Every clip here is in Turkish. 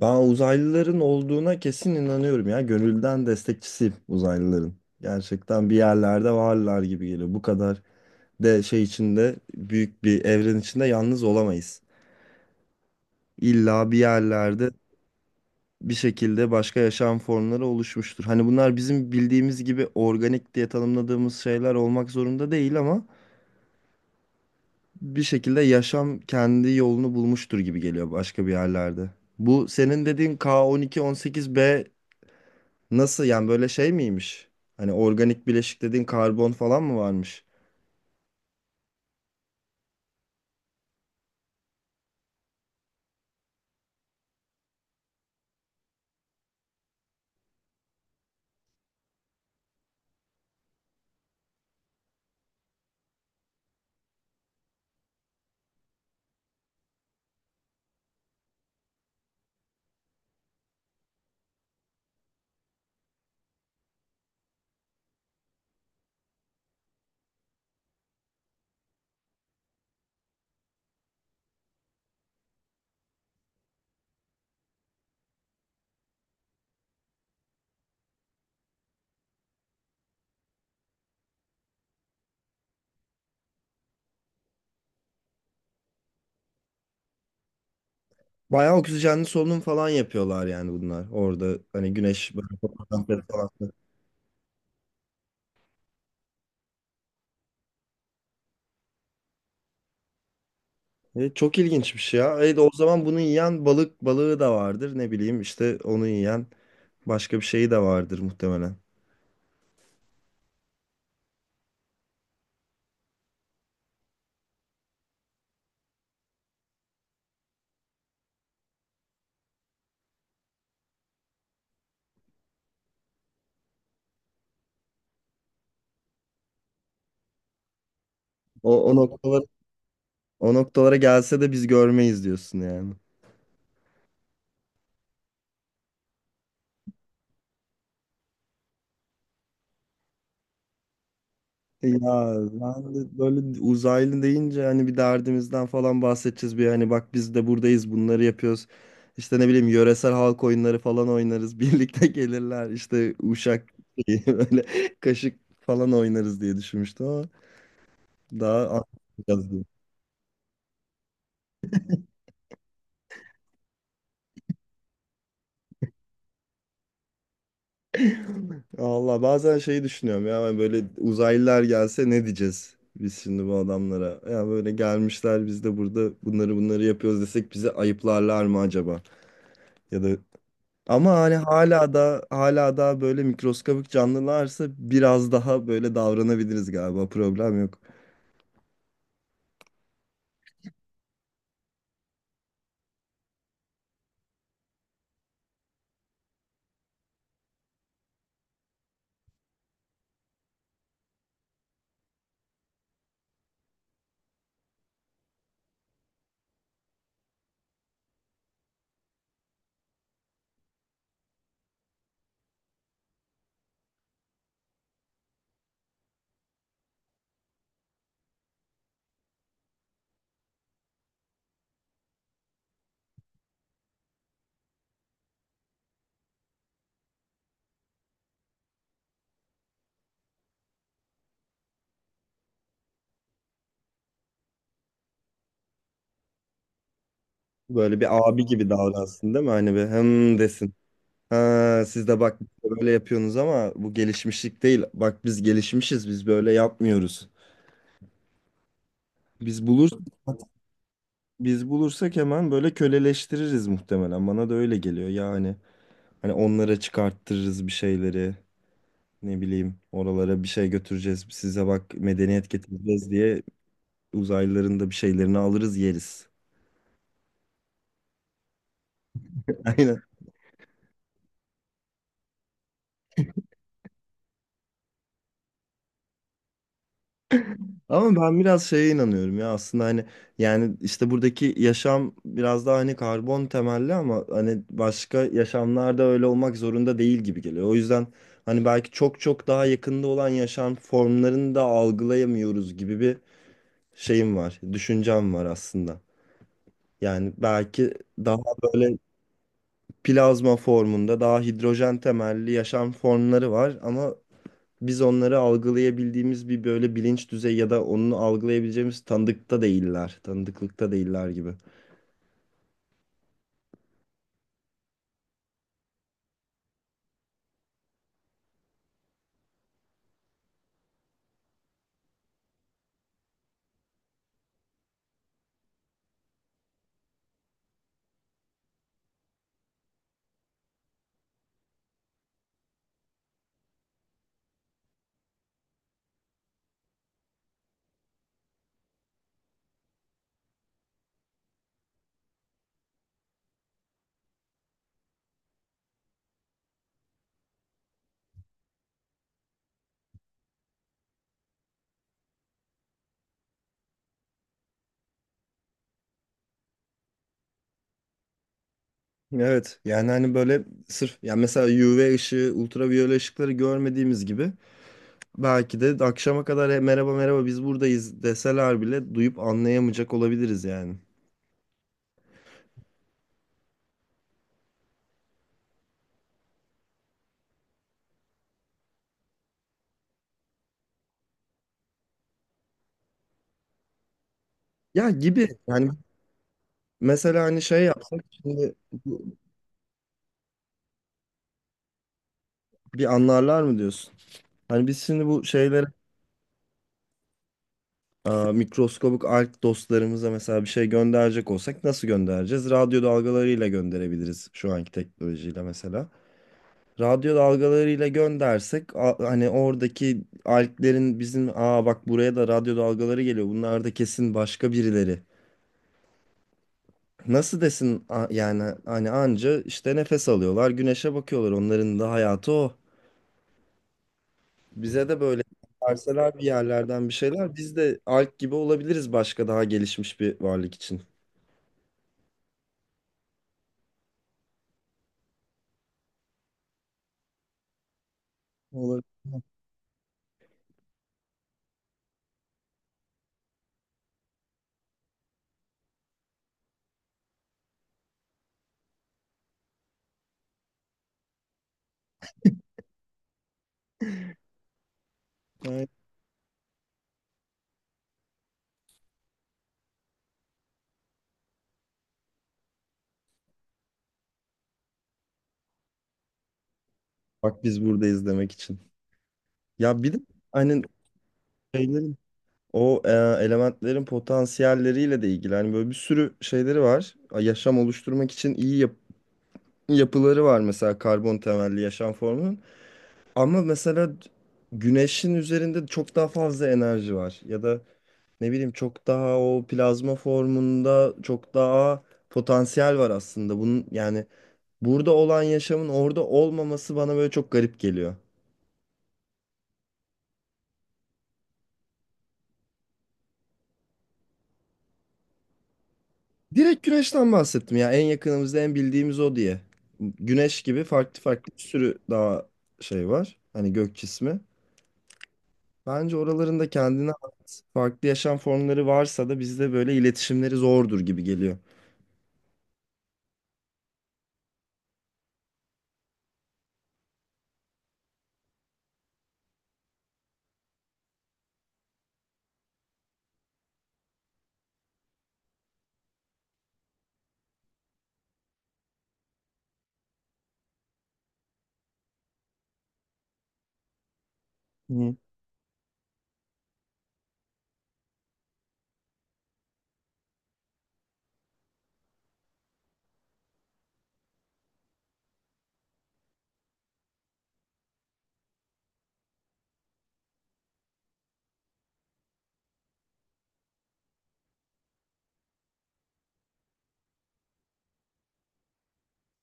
Ben uzaylıların olduğuna kesin inanıyorum ya. Gönülden destekçisiyim uzaylıların. Gerçekten bir yerlerde varlar gibi geliyor. Bu kadar de şey içinde büyük bir evren içinde yalnız olamayız. İlla bir yerlerde bir şekilde başka yaşam formları oluşmuştur. Hani bunlar bizim bildiğimiz gibi organik diye tanımladığımız şeyler olmak zorunda değil ama bir şekilde yaşam kendi yolunu bulmuştur gibi geliyor başka bir yerlerde. Bu senin dediğin K12-18b. Nasıl yani, böyle şey miymiş? Hani organik bileşik dediğin karbon falan mı varmış? Bayağı oksijenli solunum falan yapıyorlar yani bunlar. Orada hani güneş böyle fotoğrafları falan. Çok ilginçmiş ya. O zaman bunu yiyen balık balığı da vardır. Ne bileyim işte onu yiyen başka bir şeyi de vardır muhtemelen. O, o noktalara, O noktalara gelse de biz görmeyiz diyorsun yani. Ya ben de böyle uzaylı deyince hani bir derdimizden falan bahsedeceğiz, bir hani bak biz de buradayız bunları yapıyoruz. İşte ne bileyim yöresel halk oyunları falan oynarız. Birlikte gelirler işte uşak şeyi, böyle kaşık falan oynarız diye düşünmüştüm ama daha anlatacağız diye. Allah, bazen şeyi düşünüyorum ya, ben böyle uzaylılar gelse ne diyeceğiz biz şimdi bu adamlara? Ya böyle gelmişler, biz de burada bunları bunları yapıyoruz desek bizi ayıplarlar mı acaba? Ya da ama hani hala da böyle mikroskobik canlılarsa biraz daha böyle davranabiliriz galiba. Problem yok. Böyle bir abi gibi davransın değil mi? Hani bir hem desin. Ha, siz de bak işte böyle yapıyorsunuz ama bu gelişmişlik değil. Bak biz gelişmişiz. Biz böyle yapmıyoruz. Biz bulur Biz bulursak hemen böyle köleleştiririz muhtemelen. Bana da öyle geliyor yani. Hani onlara çıkarttırırız bir şeyleri. Ne bileyim oralara bir şey götüreceğiz. Size bak medeniyet getireceğiz diye uzaylıların da bir şeylerini alırız yeriz. Aynen. Ama ben biraz şeye inanıyorum ya aslında, hani yani işte buradaki yaşam biraz daha hani karbon temelli ama hani başka yaşamlarda öyle olmak zorunda değil gibi geliyor. O yüzden hani belki çok çok daha yakında olan yaşam formlarını da algılayamıyoruz gibi bir şeyim var, düşüncem var aslında. Yani belki daha böyle plazma formunda daha hidrojen temelli yaşam formları var ama biz onları algılayabildiğimiz bir böyle bilinç düzeyi ya da onu algılayabileceğimiz tanıdıkta değiller. Tanıdıklıkta değiller gibi. Evet yani hani böyle sırf yani mesela UV ışığı, ultraviyole ışıkları görmediğimiz gibi belki de akşama kadar "E, merhaba merhaba biz buradayız" deseler bile duyup anlayamayacak olabiliriz yani. Ya gibi yani, mesela hani şey yapsak şimdi, bu- bir anlarlar mı diyorsun? Hani biz şimdi bu şeyleri, aa, mikroskobik alg dostlarımıza mesela bir şey gönderecek olsak nasıl göndereceğiz? Radyo dalgalarıyla gönderebiliriz şu anki teknolojiyle mesela. Radyo dalgalarıyla göndersek, hani oradaki alglerin bizim, aa bak buraya da radyo dalgaları geliyor. Bunlar da kesin başka birileri. Nasıl desin, yani hani anca işte nefes alıyorlar, güneşe bakıyorlar. Onların da hayatı o. Bize de böyle verseler bir yerlerden bir şeyler, biz de alg gibi olabiliriz başka daha gelişmiş bir varlık için. Olabilir. Bak biz buradayız demek için. Ya bir de hani şeylerin o elementlerin potansiyelleriyle de ilgili. Hani böyle bir sürü şeyleri var. Yaşam oluşturmak için iyi yapıları var mesela karbon temelli yaşam formunun. Ama mesela güneşin üzerinde çok daha fazla enerji var. Ya da ne bileyim çok daha o plazma formunda çok daha potansiyel var aslında. Bunun yani burada olan yaşamın orada olmaması bana böyle çok garip geliyor. Direkt güneşten bahsettim ya. En yakınımızda en bildiğimiz o diye. Güneş gibi farklı farklı bir sürü daha şey var. Hani gök cismi. Bence oralarında kendine ait farklı yaşam formları varsa da bizde böyle iletişimleri zordur gibi geliyor. Hı.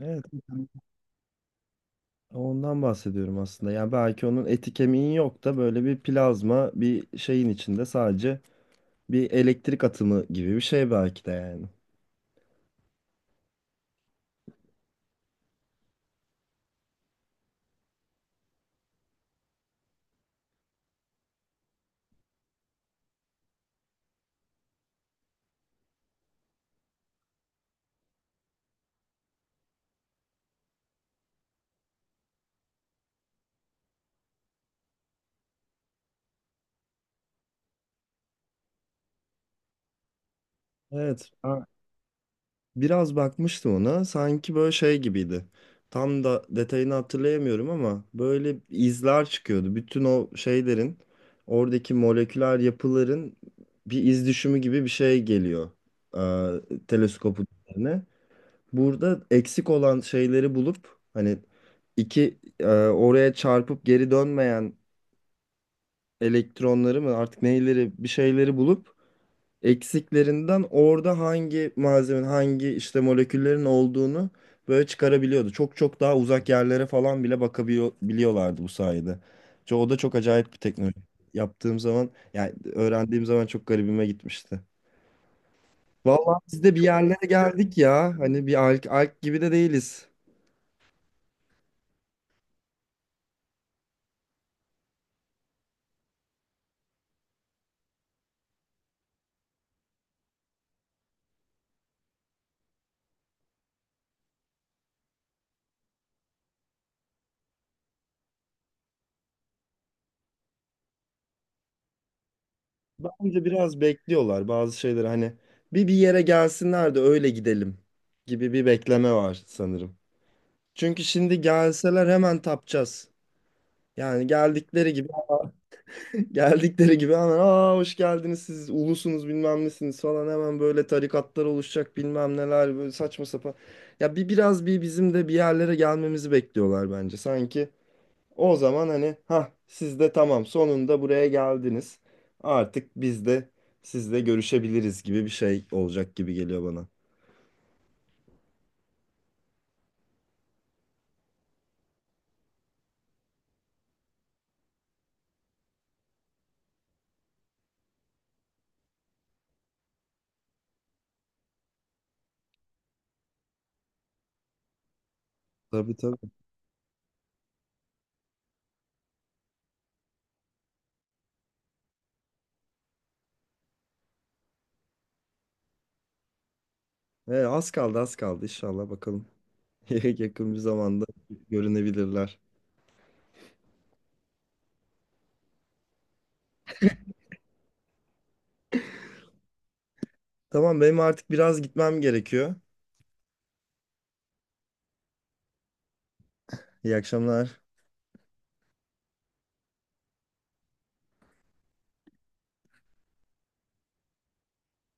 Evet. Ondan bahsediyorum aslında. Yani belki onun eti kemiği yok da böyle bir plazma bir şeyin içinde sadece bir elektrik atımı gibi bir şey belki de yani. Evet. Biraz bakmıştım ona. Sanki böyle şey gibiydi. Tam da detayını hatırlayamıyorum ama böyle izler çıkıyordu. Bütün o şeylerin, oradaki moleküler yapıların bir iz düşümü gibi bir şey geliyor teleskopun üzerine. Burada eksik olan şeyleri bulup hani iki oraya çarpıp geri dönmeyen elektronları mı artık neyleri, bir şeyleri bulup eksiklerinden orada hangi malzemenin hangi işte moleküllerin olduğunu böyle çıkarabiliyordu. Çok çok daha uzak yerlere falan bile bakabiliyorlardı bu sayede. O da çok acayip bir teknoloji. Yaptığım zaman yani öğrendiğim zaman çok garibime gitmişti. Vallahi biz de bir yerlere geldik ya. Hani bir alk gibi de değiliz. Bence biraz bekliyorlar bazı şeyleri, hani bir yere gelsinler de öyle gidelim gibi bir bekleme var sanırım. Çünkü şimdi gelseler hemen tapacağız. Yani geldikleri gibi geldikleri gibi hemen, aa hoş geldiniz siz ulusunuz bilmem nesiniz falan, hemen böyle tarikatlar oluşacak bilmem neler, böyle saçma sapan. Ya biraz bizim de bir yerlere gelmemizi bekliyorlar bence. Sanki o zaman hani, ha siz de tamam sonunda buraya geldiniz, artık biz de sizle görüşebiliriz gibi bir şey olacak gibi geliyor bana. Tabii tabii. Az kaldı az kaldı inşallah, bakalım. Yakın bir zamanda görünebilirler. Tamam, benim artık biraz gitmem gerekiyor. İyi akşamlar.